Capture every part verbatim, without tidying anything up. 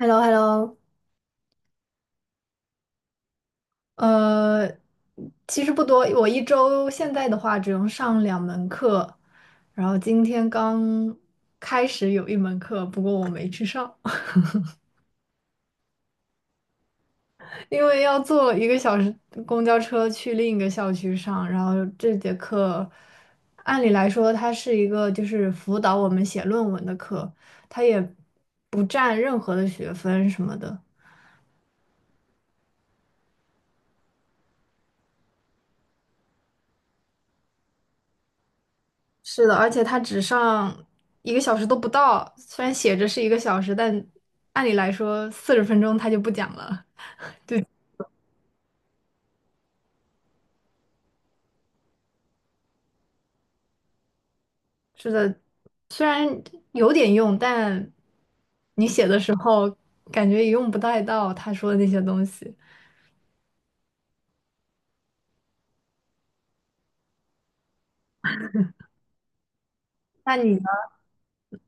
h e l l o h e l l o。 呃，其实不多，我一周现在的话只用上两门课，然后今天刚开始有一门课，不过我没去上。因为要坐一个小时公交车去另一个校区上。然后这节课，按理来说它是一个就是辅导我们写论文的课，它也不占任何的学分什么的。是的，而且他只上一个小时都不到，虽然写着是一个小时，但按理来说四十分钟他就不讲了。是的，虽然有点用，但你写的时候感觉也用不太到他说的那些东西。那你呢？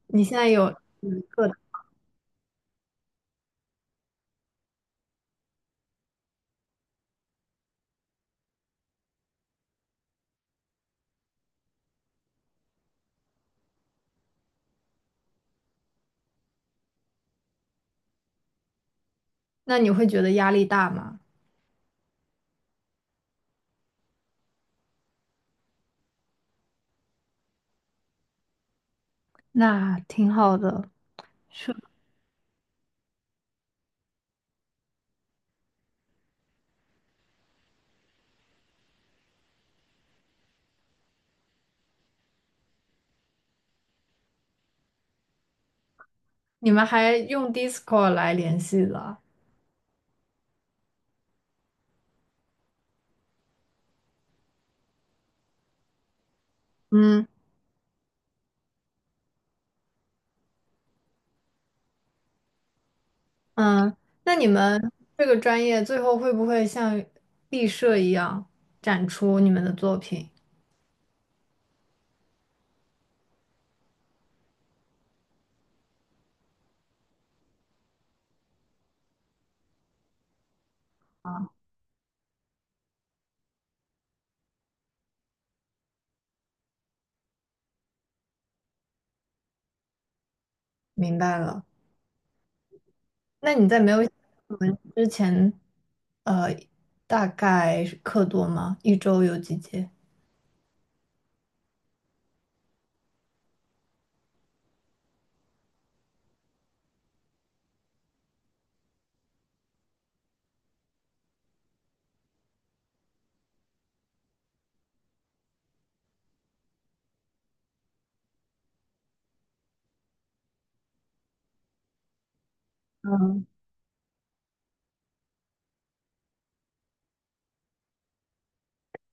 你现在有一个。那你会觉得压力大吗？那挺好的。是。你们还用 Discord 来联系的？嗯嗯。那你们这个专业最后会不会像毕设一样展出你们的作品？明白了。那你在没有我们之前，呃，大概是课多吗？一周有几节？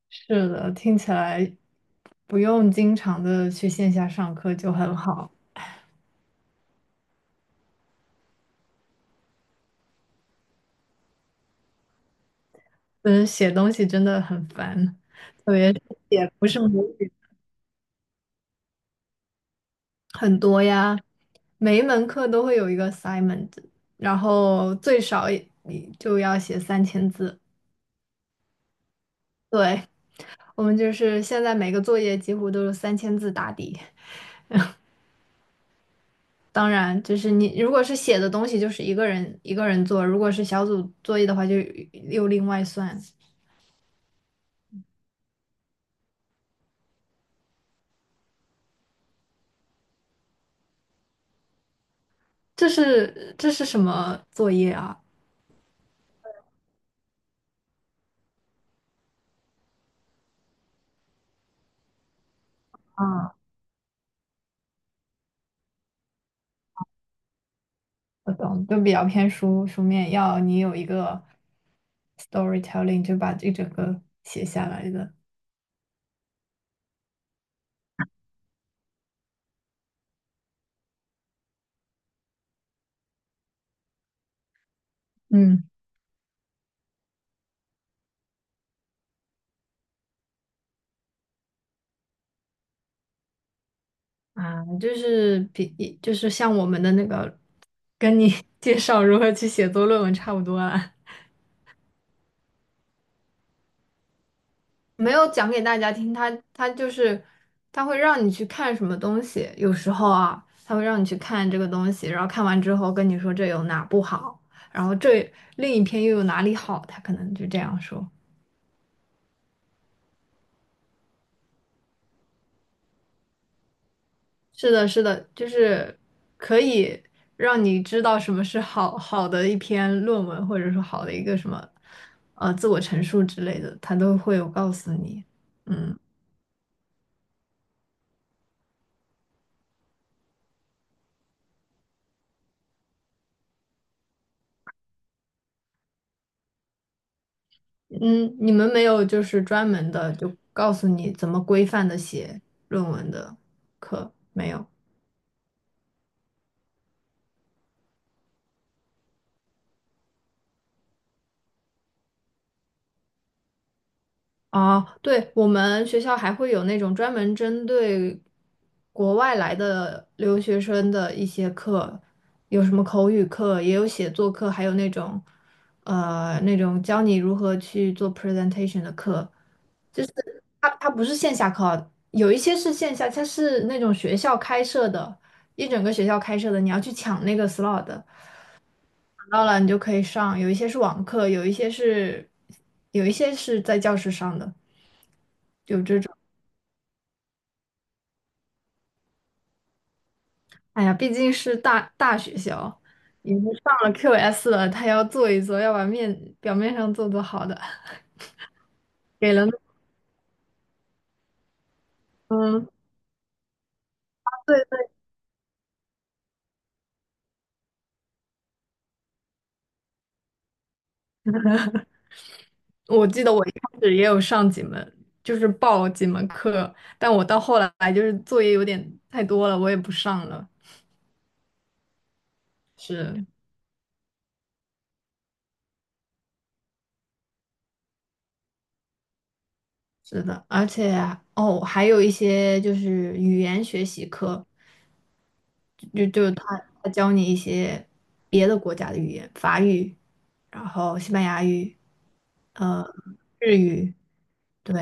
是的，听起来不用经常的去线下上课就很好。嗯，写东西真的很烦，特别是写不是母语很多呀，每一门课都会有一个 assignment，然后最少也你就要写三千字。对，我们就是现在每个作业几乎都是三千字打底。当然，就是你如果是写的东西，就是一个人一个人做；如果是小组作业的话，就又另外算。这是这是什么作业啊？啊，我懂，就比较偏书书面，要你有一个 storytelling，就把这整个写下来的。嗯。啊，就是比就是像我们的那个，跟你 介绍如何去写作论文差不多啊。没有讲给大家听，他他就是他会让你去看什么东西。有时候啊，他会让你去看这个东西，然后看完之后跟你说这有哪不好，然后这另一篇又有哪里好，他可能就这样说。是的，是的，就是可以让你知道什么是好好的一篇论文，或者说好的一个什么呃自我陈述之类的，他都会有告诉你。嗯嗯。你们没有就是专门的就告诉你怎么规范的写论文的课，没有。啊，对，我们学校还会有那种专门针对国外来的留学生的一些课，有什么口语课，也有写作课，还有那种呃那种教你如何去做 presentation 的课。就是它它不是线下课啊，有一些是线下，它是那种学校开设的，一整个学校开设的，你要去抢那个 slot 的。到了你就可以上，有一些是网课，有一些是有一些是在教室上的。哎呀，毕竟是大大学校，已经上了 Q S 了，他要做一做，要把面表面上做做好的，给了。嗯，对对，我记得我一开始也有上几门，就是报几门课，但我到后来就是作业有点太多了，我也不上了。是是的，而且啊哦，还有一些就是语言学习课，就就他他教你一些别的国家的语言，法语，然后西班牙语，呃，日语。对，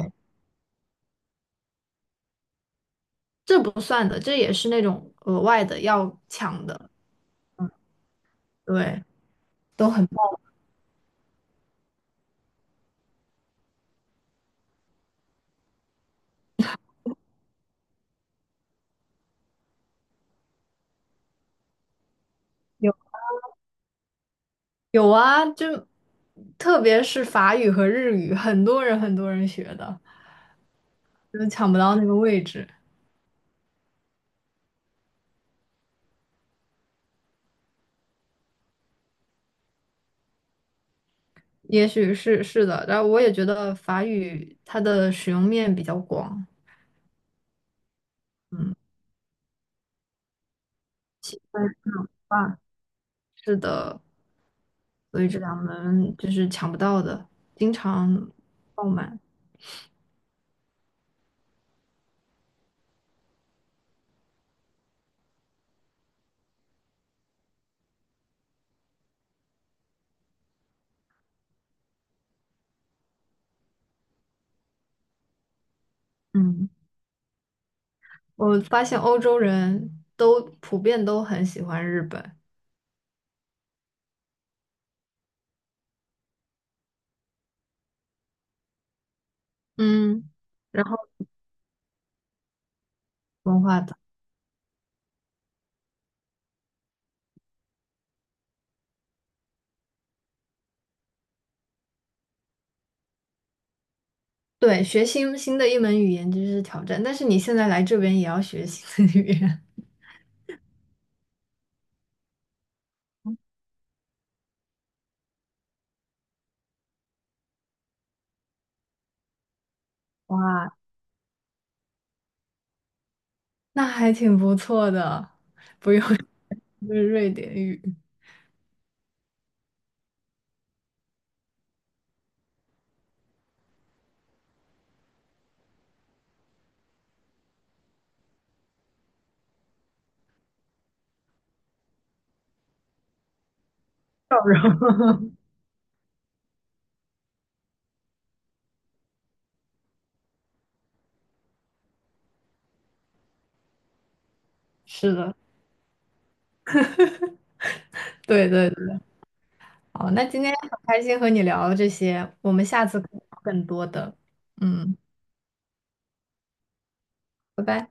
这不算的，这也是那种额外的要抢的。对，都很棒。有有啊，就特别是法语和日语，很多人很多人学的，就是抢不到那个位置。也许是是的，然后我也觉得法语它的使用面比较广。嗯，对吧？是的，所以这两门就是抢不到的，经常爆满。嗯，我发现欧洲人都普遍都很喜欢日本。嗯。然后文化的。对，学新新的一门语言就是挑战，但是你现在来这边也要学新的语言。哇，那还挺不错的，不用 就是瑞典语。是的，对对对。好，那今天很开心和你聊这些，我们下次可以聊更多的。嗯，拜拜。